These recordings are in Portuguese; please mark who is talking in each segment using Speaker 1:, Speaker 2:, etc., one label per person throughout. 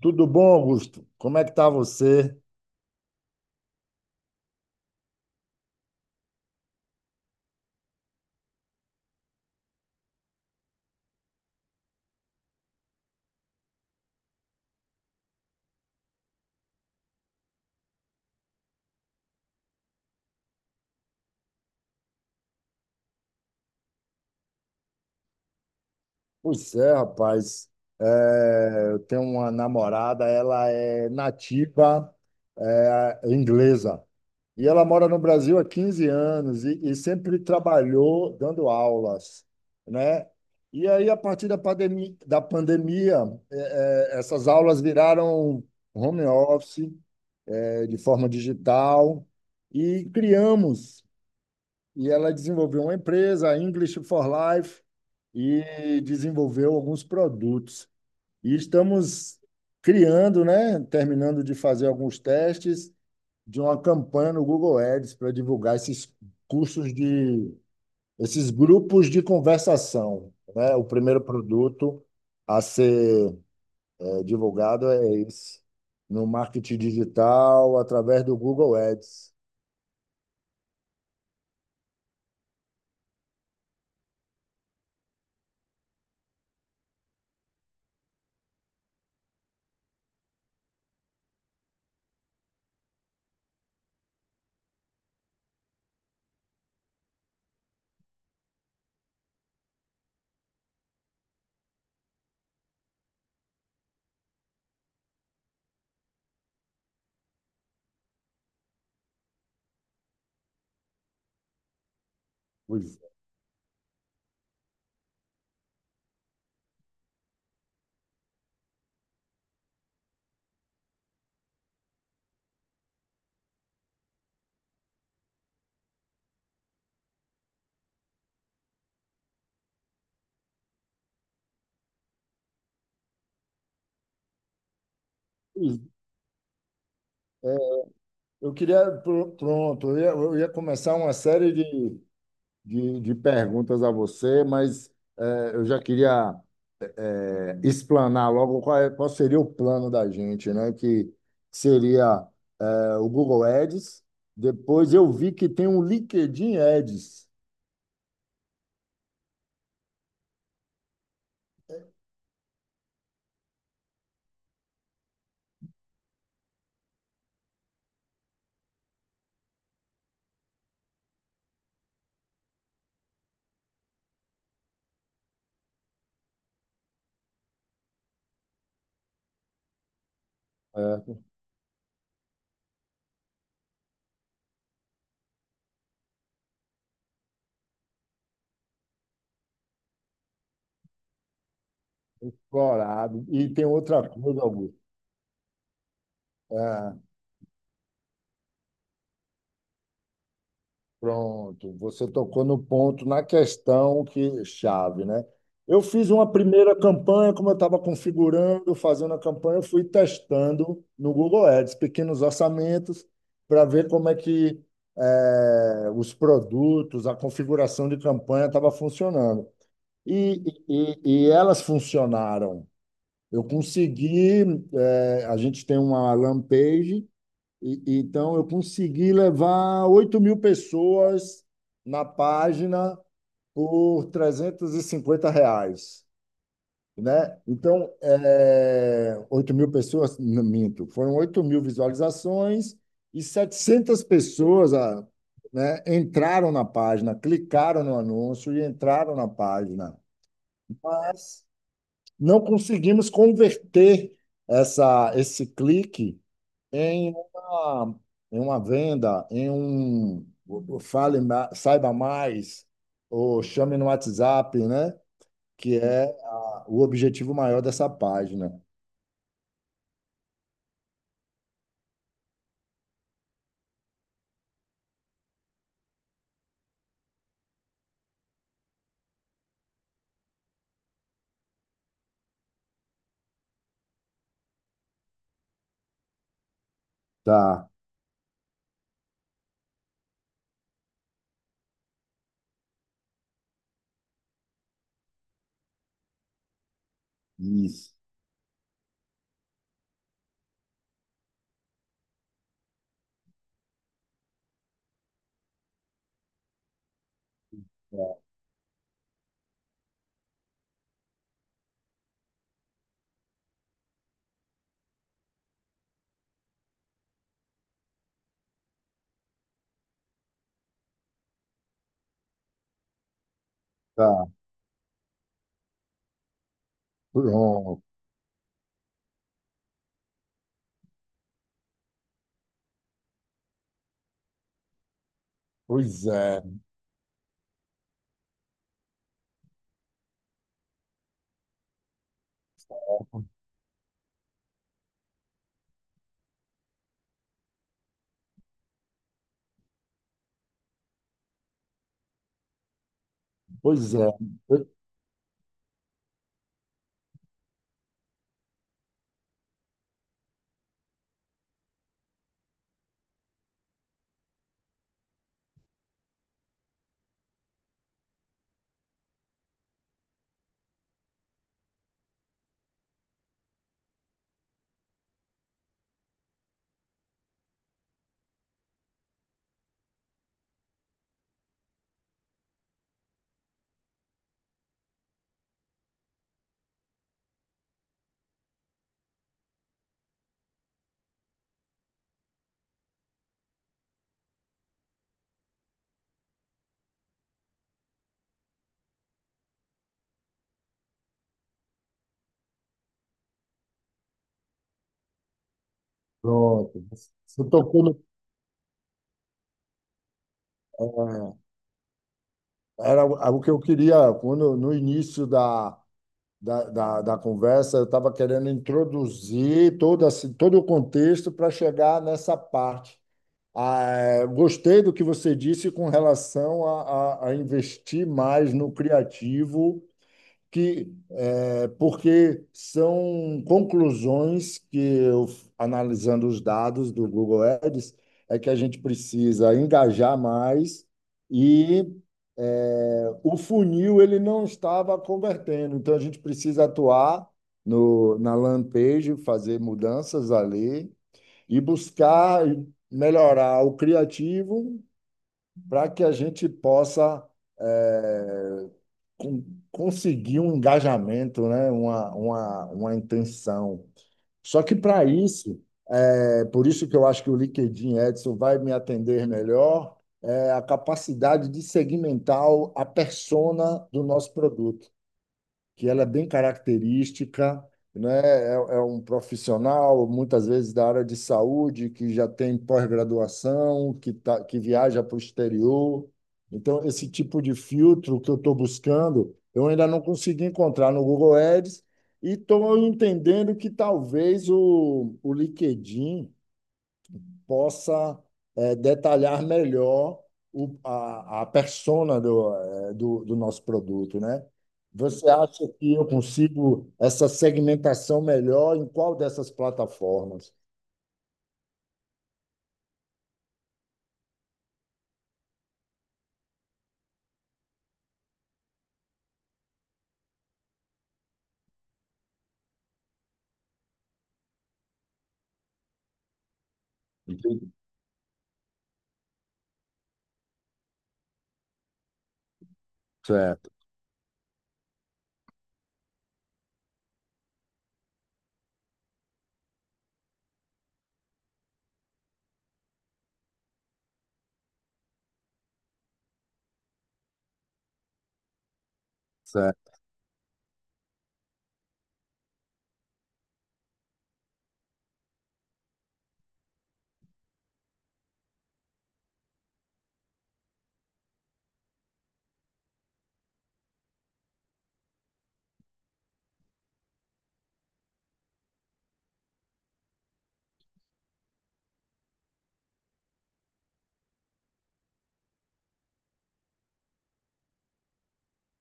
Speaker 1: Tudo bom, Augusto? Como é que tá você? Pois é, rapaz. Eu tenho uma namorada, ela é nativa, inglesa. E ela mora no Brasil há 15 anos e, sempre trabalhou dando aulas, né? E aí, a partir da pandemia, essas aulas viraram home office, de forma digital, e criamos. E ela desenvolveu uma empresa, a English for Life, e desenvolveu alguns produtos. E estamos criando, né, terminando de fazer alguns testes de uma campanha no Google Ads para divulgar esses cursos de esses grupos de conversação, né? O primeiro produto a ser divulgado é esse, no marketing digital através do Google Ads. Os- os- Eu queria, pronto, eu ia começar uma série de, perguntas a você, mas eu já queria explanar logo qual, qual seria o plano da gente, né? Que seria o Google Ads. Depois eu vi que tem um LinkedIn Ads. Eh, explorado, e tem outra coisa, Augusto. é, Pronto, você tocou no ponto, na questão que chave, né? Eu fiz uma primeira campanha, como eu estava configurando, fazendo a campanha, eu fui testando no Google Ads, pequenos orçamentos, para ver como é que os produtos, a configuração de campanha estava funcionando. E, e elas funcionaram. Eu consegui, a gente tem uma landing page. Então, eu consegui levar 8 mil pessoas na página por R$ 350, né? Então, é, 8 mil pessoas, não minto, foram 8 mil visualizações e 700 pessoas, ah, né, entraram na página, clicaram no anúncio e entraram na página. Mas não conseguimos converter esse clique em uma, em uma venda, em um saiba mais, ou chame no WhatsApp, né? Que é o objetivo maior dessa página. Tá, isso. Tá. Tá. Pronto. Pois é, pois é. Pronto. Você tocou no, era o que eu queria quando, no início da, conversa, eu estava querendo introduzir todo, assim, todo o contexto para chegar nessa parte. Ah, gostei do que você disse com relação a investir mais no criativo que é, porque são conclusões que eu, analisando os dados do Google Ads, é que a gente precisa engajar mais e o funil ele não estava convertendo, então a gente precisa atuar no, na landing page, fazer mudanças ali e buscar melhorar o criativo para que a gente possa é, con- conseguir um engajamento, né? Uma intenção. Só que para isso, é por isso que eu acho que o LinkedIn Edson vai me atender melhor, é a capacidade de segmentar a persona do nosso produto que ela é bem característica, né? É um profissional, muitas vezes da área de saúde, que já tem pós-graduação, que viaja para o exterior. Então, esse tipo de filtro que eu estou buscando, eu ainda não consegui encontrar no Google Ads e estou entendendo que talvez o LinkedIn possa detalhar melhor a persona do nosso produto, né? Você acha que eu consigo essa segmentação melhor em qual dessas plataformas? Entendi. Certo, certo.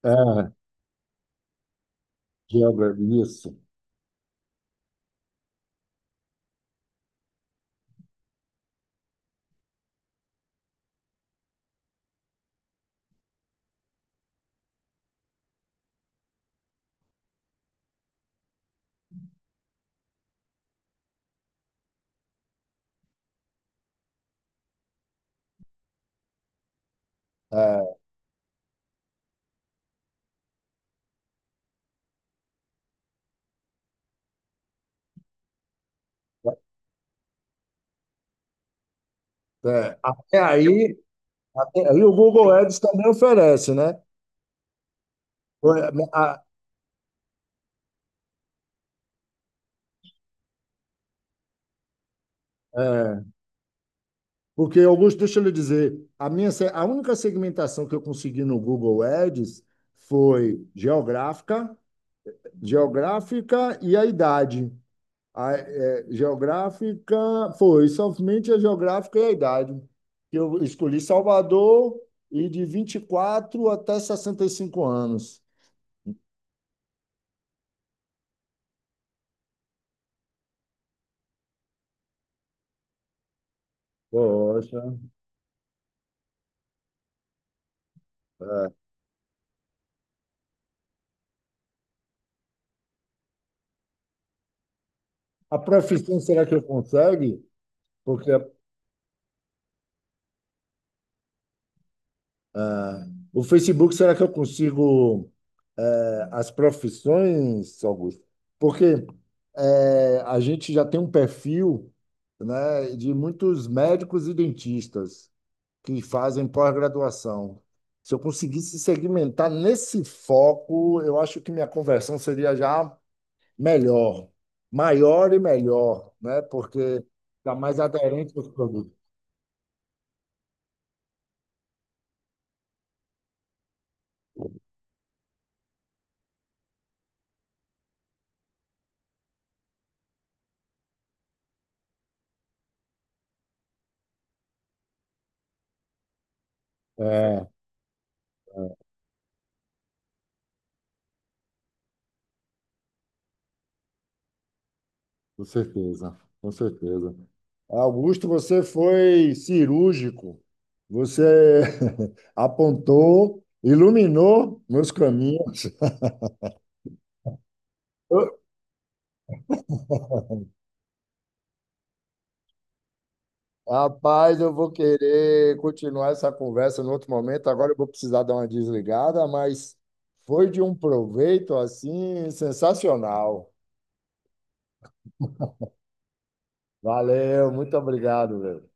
Speaker 1: É, Gilbert, isso. É, é, até aí, Até aí o Google Ads também oferece, né? É, a- Porque, Augusto, deixa eu lhe dizer, a minha, se- a única segmentação que eu consegui no Google Ads foi geográfica, e a idade. Geográfica, foi somente a geográfica e a idade. Eu escolhi Salvador e de 24 até 65 anos. Poxa. A profissão será que eu consegue? Porque Ah, o Facebook, será que eu consigo as profissões, Augusto? Porque a gente já tem um perfil, né, de muitos médicos e dentistas que fazem pós-graduação. Se eu conseguisse segmentar nesse foco, eu acho que minha conversão seria já melhor, maior e melhor, né? Porque está mais aderente aos produtos. É. Com certeza, com certeza. Augusto, você foi cirúrgico. Você apontou, iluminou meus caminhos. Eu- Rapaz, eu vou querer continuar essa conversa em outro momento. Agora eu vou precisar dar uma desligada, mas foi de um proveito assim sensacional. Valeu, muito obrigado, velho.